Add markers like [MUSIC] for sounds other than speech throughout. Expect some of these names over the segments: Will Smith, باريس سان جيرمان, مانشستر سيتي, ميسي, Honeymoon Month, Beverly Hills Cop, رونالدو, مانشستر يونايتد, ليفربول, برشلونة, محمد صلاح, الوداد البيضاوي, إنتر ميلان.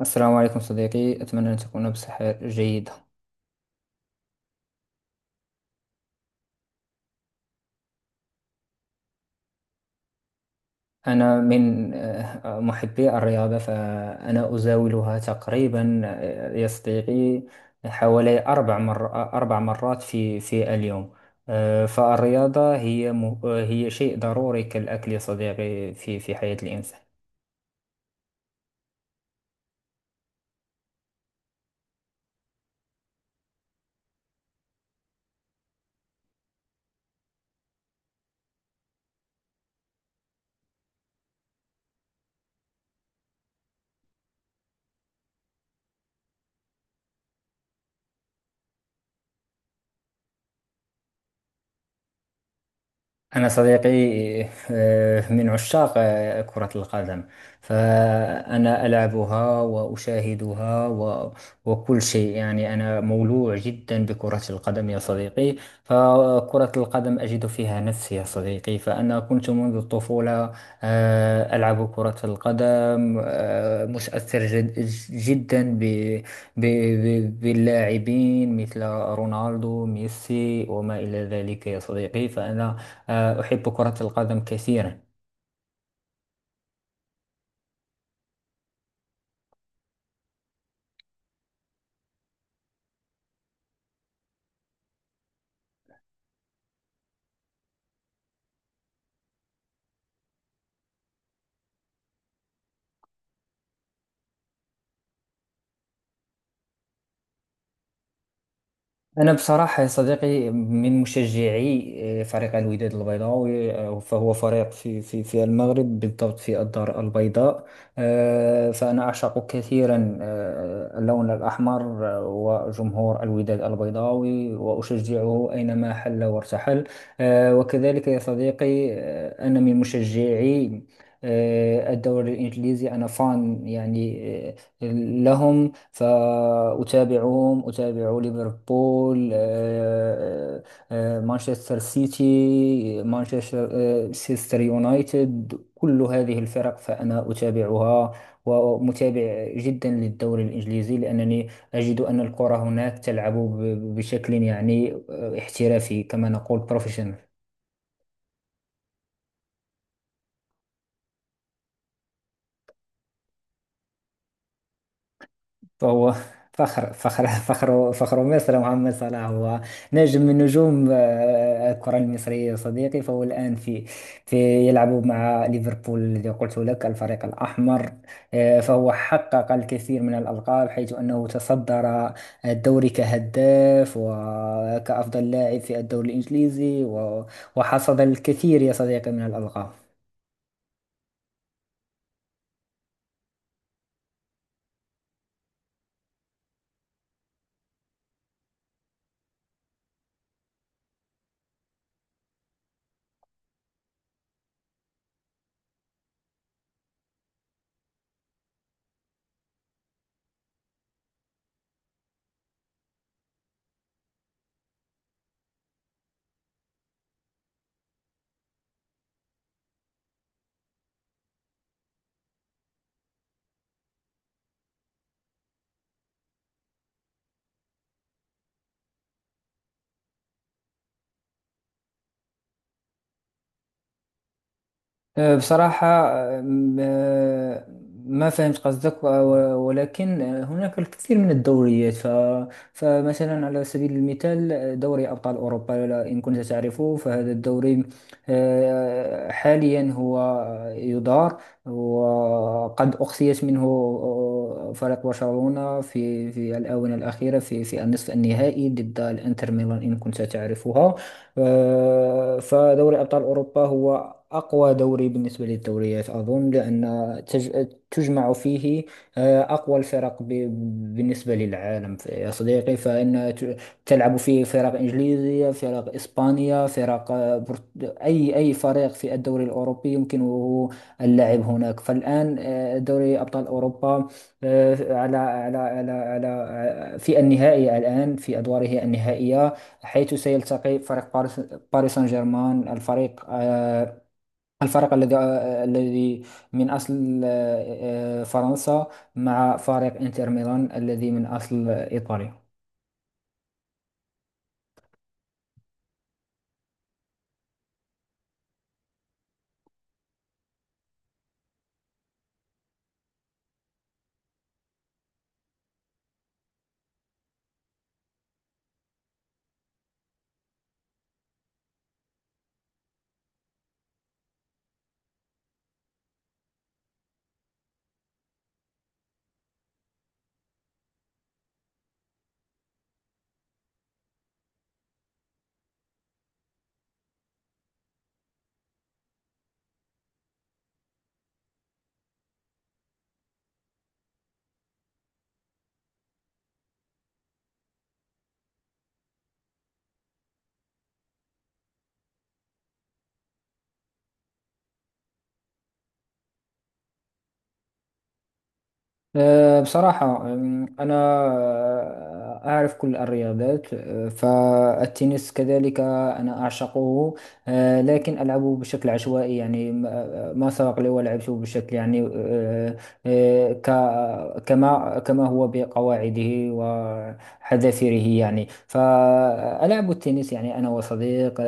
السلام عليكم صديقي، أتمنى أن تكون بصحة جيدة. أنا من محبي الرياضة، فأنا أزاولها تقريبا، يا صديقي، حوالي 4 مرات في اليوم. فالرياضة هي م... آه، هي شيء ضروري كالأكل يا صديقي في حياة الإنسان. أنا صديقي من عشاق كرة القدم، فأنا ألعبها وأشاهدها وكل شيء. يعني أنا مولوع جدا بكرة القدم يا صديقي، فكرة القدم أجد فيها نفسي يا صديقي. فأنا كنت منذ الطفولة ألعب كرة القدم، متأثر جدا باللاعبين مثل رونالدو، ميسي، وما إلى ذلك يا صديقي. فأنا أحب كرة القدم كثيرا. أنا بصراحة يا صديقي من مشجعي فريق الوداد البيضاوي، فهو فريق في في المغرب، بالضبط في الدار البيضاء. فأنا أعشق كثيرا اللون الأحمر وجمهور الوداد البيضاوي، وأشجعه أينما حل وارتحل. وكذلك يا صديقي، أنا من مشجعي الدوري الإنجليزي. أنا فان يعني آه، لهم، فأتابعهم، أتابع ليفربول، مانشستر سيتي، مانشستر سيستر يونايتد، كل هذه الفرق فأنا أتابعها، ومتابع جدا للدوري الإنجليزي، لأنني أجد أن الكرة هناك تلعب بشكل يعني احترافي، كما نقول بروفيشنال. فهو فخر مصر، محمد صلاح هو نجم من نجوم الكرة المصرية يا صديقي. فهو الآن في في يلعب مع ليفربول، الذي قلت لك الفريق الأحمر. فهو حقق الكثير من الألقاب، حيث أنه تصدر الدوري كهداف وكأفضل لاعب في الدوري الإنجليزي وحصد الكثير يا صديقي من الألقاب. بصراحة أه، م- أه، ما فهمت قصدك، ولكن هناك الكثير من الدوريات. فمثلا على سبيل المثال، دوري أبطال أوروبا، إن كنت تعرفه، فهذا الدوري حاليا هو يدار، وقد أقصيت منه فريق برشلونة في الآونة الأخيرة في النصف النهائي ضد الإنتر ميلان، إن كنت تعرفها. فدوري أبطال أوروبا هو أقوى دوري بالنسبة للدوريات، أظن، لأن تجمع فيه أقوى الفرق بالنسبة للعالم يا صديقي. فإن تلعب فيه فرق إنجليزية، فرق إسبانيا، فرق أي فريق في الدوري الأوروبي يمكنه اللعب هناك. فالآن دوري أبطال أوروبا آه، على على على على آه، في النهائي الآن، في أدواره النهائية، حيث سيلتقي فريق باريس، سان جيرمان، الفريق الفريق الذي الذي من أصل فرنسا، مع فريق إنتر ميلان الذي من أصل إيطاليا. بصراحة أنا أعرف كل الرياضات. فالتنس كذلك أنا أعشقه، لكن ألعبه بشكل عشوائي، يعني ما ما سبق لي ولعبته بشكل يعني كما هو بقواعده وحذافيره. يعني فألعب التنس يعني أنا وصديق، أه،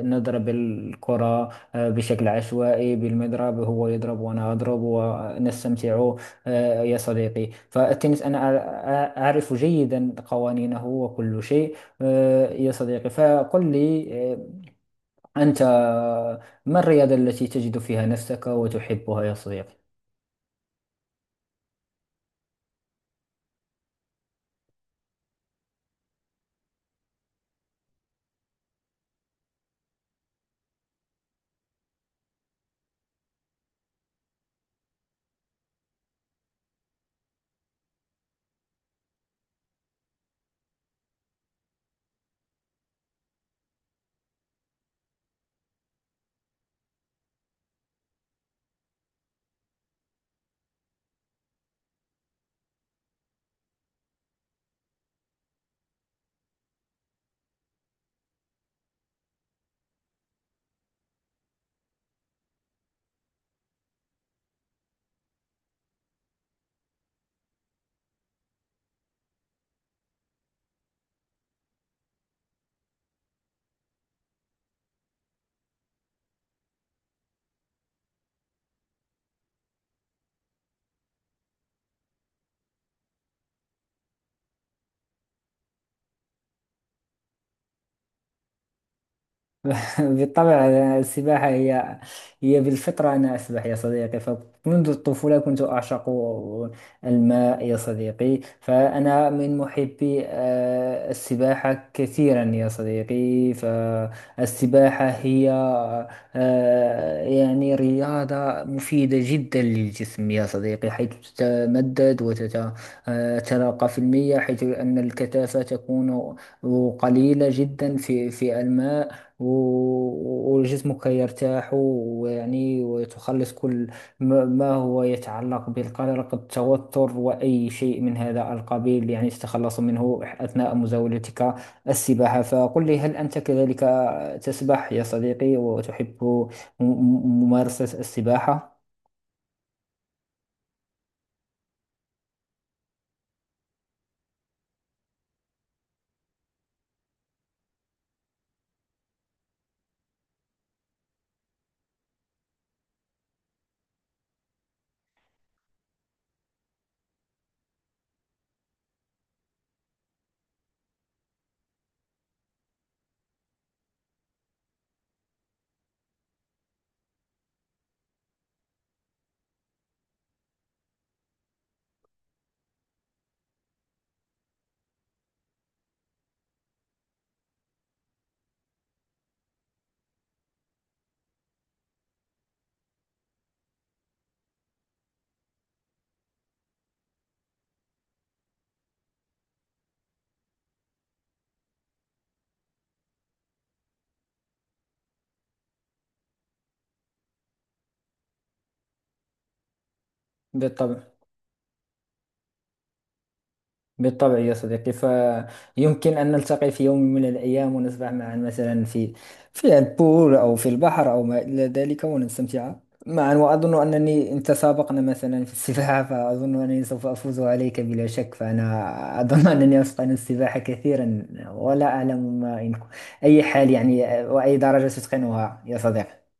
أه، نضرب الكرة بشكل عشوائي بالمضرب، هو يضرب وأنا أضرب ونستمتع. يا صديقي، فالتنس أنا أعرف جيدا قوانينه وكل شيء. يا صديقي، فقل لي أنت ما الرياضة التي تجد فيها نفسك وتحبها يا صديقي؟ [LAUGHS] بالطبع، السباحة هي بالفطرة. أنا أسبح يا صديقي، فمنذ الطفولة كنت أعشق الماء يا صديقي. فأنا من محبي السباحة كثيرا يا صديقي. فالسباحة هي يعني رياضة مفيدة جدا للجسم يا صديقي، حيث تتمدد وتتلقى في المياه، حيث أن الكثافة تكون قليلة جدا في الماء، وجسمك يرتاح، ويعني وتخلص كل ما هو يتعلق بالقلق، التوتر، وأي شيء من هذا القبيل، يعني تتخلص منه أثناء مزاولتك السباحة. فقل لي، هل أنت كذلك تسبح يا صديقي وتحب ممارسة السباحة؟ بالطبع بالطبع يا صديقي، فيمكن أن نلتقي في يوم من الأيام ونسبح معا، مثلا في البول أو في البحر أو ما إلى ذلك، ونستمتع معا. وأظن أنني إن تسابقنا مثلا في السباحة، فأظن أنني سوف أفوز عليك بلا شك، فأنا أظن [LAUGHS] أنني أتقن السباحة كثيرا. ولا أعلم ما إن أي حال يعني وأي درجة تتقنها يا صديقي.